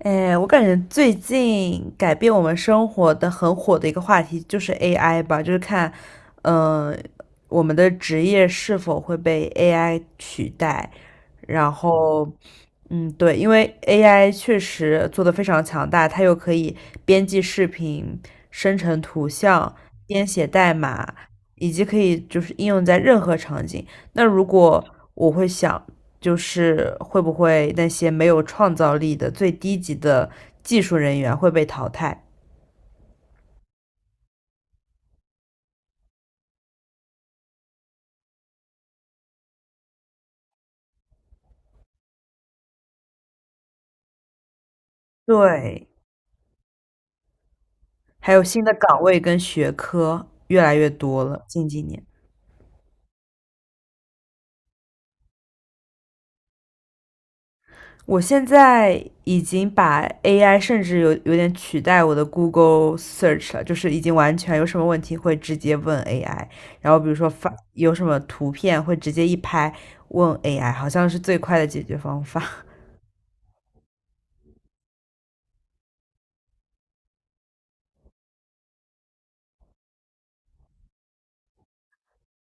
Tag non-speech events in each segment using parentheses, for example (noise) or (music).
哎，我感觉最近改变我们生活的很火的一个话题就是 AI 吧，就是看，嗯，我们的职业是否会被 AI 取代。然后，对，因为 AI 确实做得非常强大，它又可以编辑视频、生成图像、编写代码，以及可以就是应用在任何场景。那如果我会想，就是会不会那些没有创造力的最低级的技术人员会被淘汰？对，还有新的岗位跟学科越来越多了。近几年，我现在已经把 AI 甚至有点取代我的 Google Search 了，就是已经完全有什么问题会直接问 AI，然后比如说发有什么图片会直接一拍问 AI，好像是最快的解决方法。(laughs)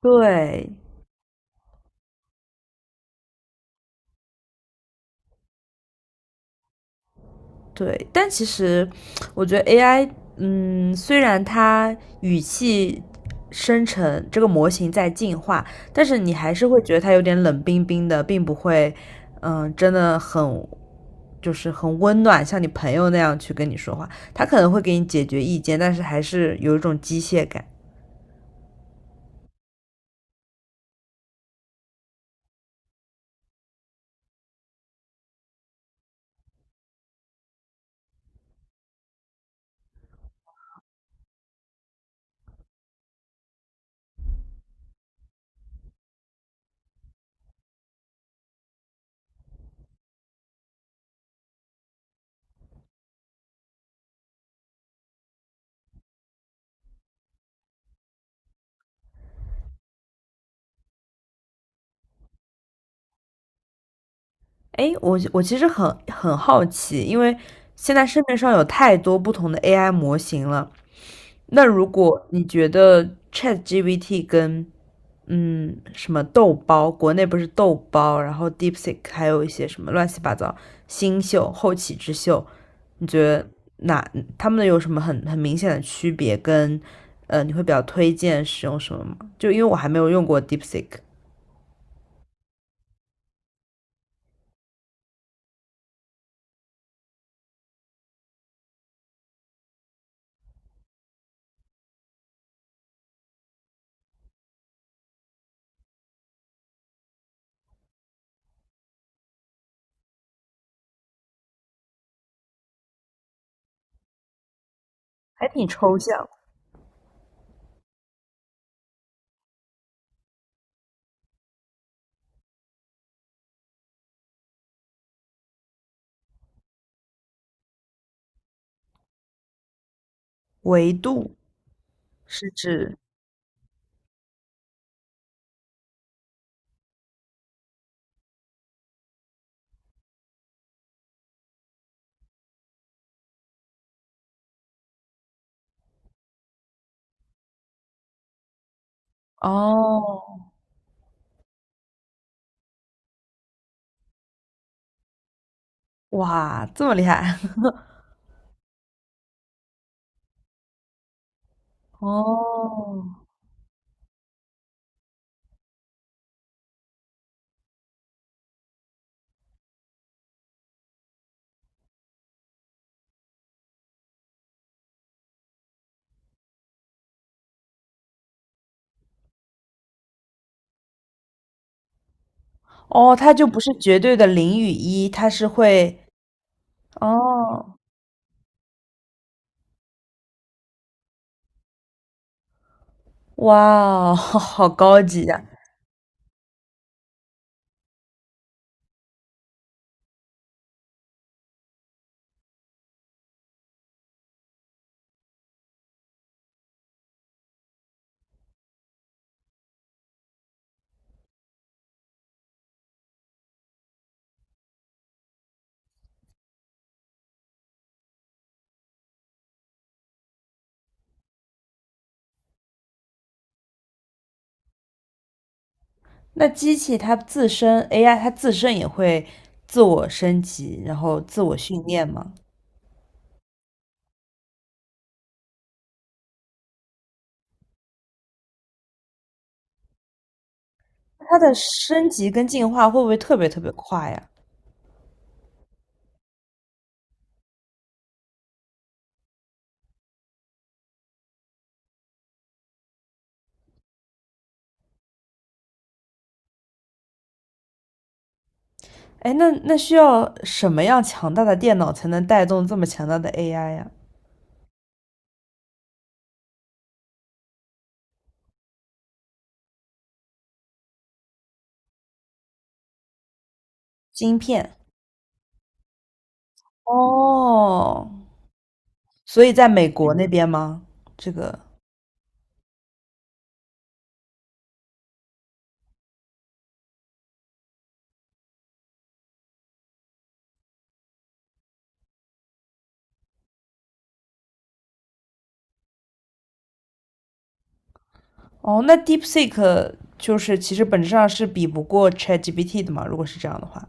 对，对，但其实我觉得 AI，虽然它语气生成这个模型在进化，但是你还是会觉得它有点冷冰冰的，并不会，真的很就是很温暖，像你朋友那样去跟你说话。它可能会给你解决意见，但是还是有一种机械感。哎，我其实很好奇，因为现在市面上有太多不同的 AI 模型了。那如果你觉得 ChatGPT 跟什么豆包，国内不是豆包，然后 DeepSeek，还有一些什么乱七八糟新秀、后起之秀，你觉得哪他们有什么很明显的区别？跟你会比较推荐使用什么吗？就因为我还没有用过 DeepSeek，还挺抽象。维度是指哦，哇，这么厉害 (laughs) 哦哦，它就不是绝对的零与一，它是会哦哇哦，(laughs) 好好高级呀！那机器它自身 AI 它自身也会自我升级，然后自我训练吗？它的升级跟进化会不会特别特别快呀？哎，那需要什么样强大的电脑才能带动这么强大的 AI 呀？晶片。哦，所以在美国那边吗？这个哦，那 DeepSeek 就是其实本质上是比不过 ChatGPT 的嘛，如果是这样的话。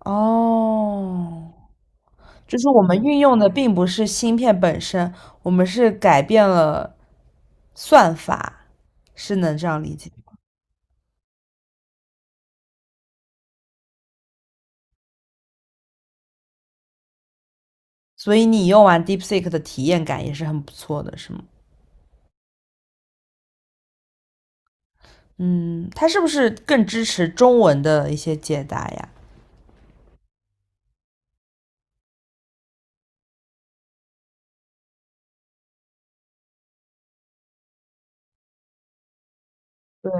哦，就是我们运用的并不是芯片本身，我们是改变了算法，是能这样理解吗？所以你用完 DeepSeek 的体验感也是很不错的，是吗？嗯，它是不是更支持中文的一些解答呀？对，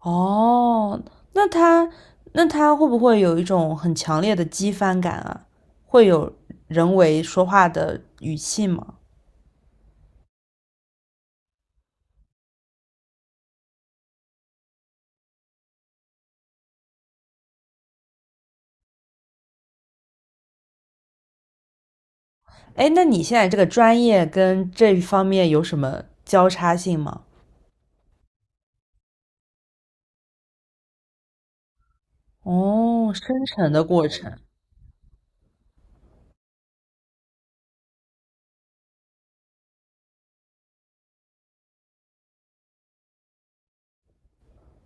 哦，那它那它会不会有一种很强烈的机翻感啊？会有人为说话的语气吗？哎，那你现在这个专业跟这一方面有什么交叉性吗？哦，生成的过程，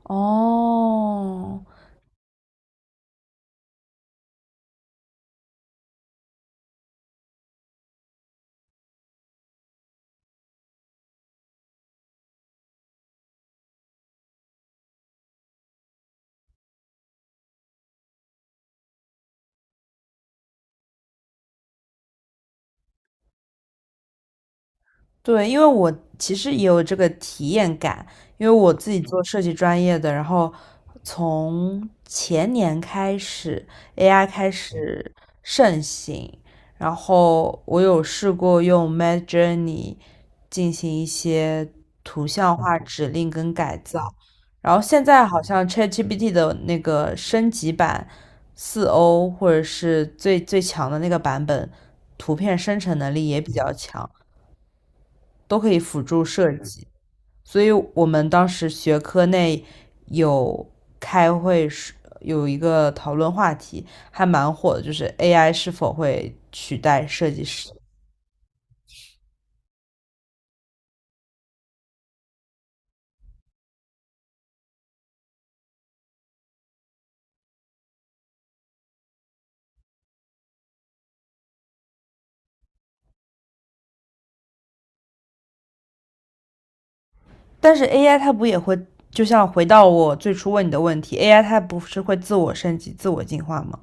哦，对，因为我其实也有这个体验感，因为我自己做设计专业的，然后从前年开始，AI 开始盛行，然后我有试过用 Mid Journey 进行一些图像化指令跟改造，然后现在好像 ChatGPT 的那个升级版4o 或者是最最强的那个版本，图片生成能力也比较强。都可以辅助设计。所以我们当时学科内有开会是有一个讨论话题，还蛮火的，就是 AI 是否会取代设计师？但是 AI 它不也会，就像回到我最初问你的问题，AI 它不是会自我升级、自我进化吗？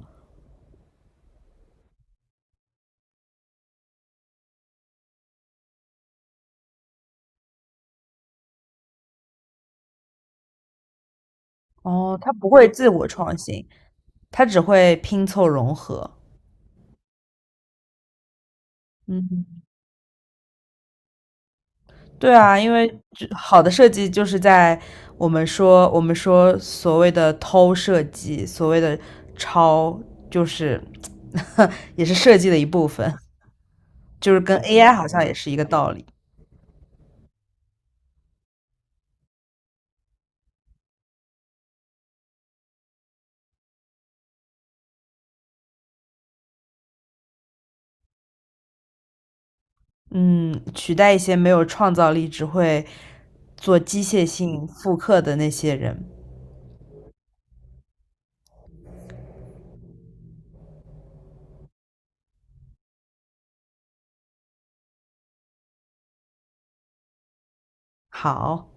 哦，它不会自我创新，它只会拼凑融合。嗯哼，对啊，因为这好的设计就是在我们说我们说所谓的偷设计，所谓的抄，就是 (laughs) 也是设计的一部分，就是跟 AI 好像也是一个道理。嗯，取代一些没有创造力、只会做机械性复刻的那些人。好。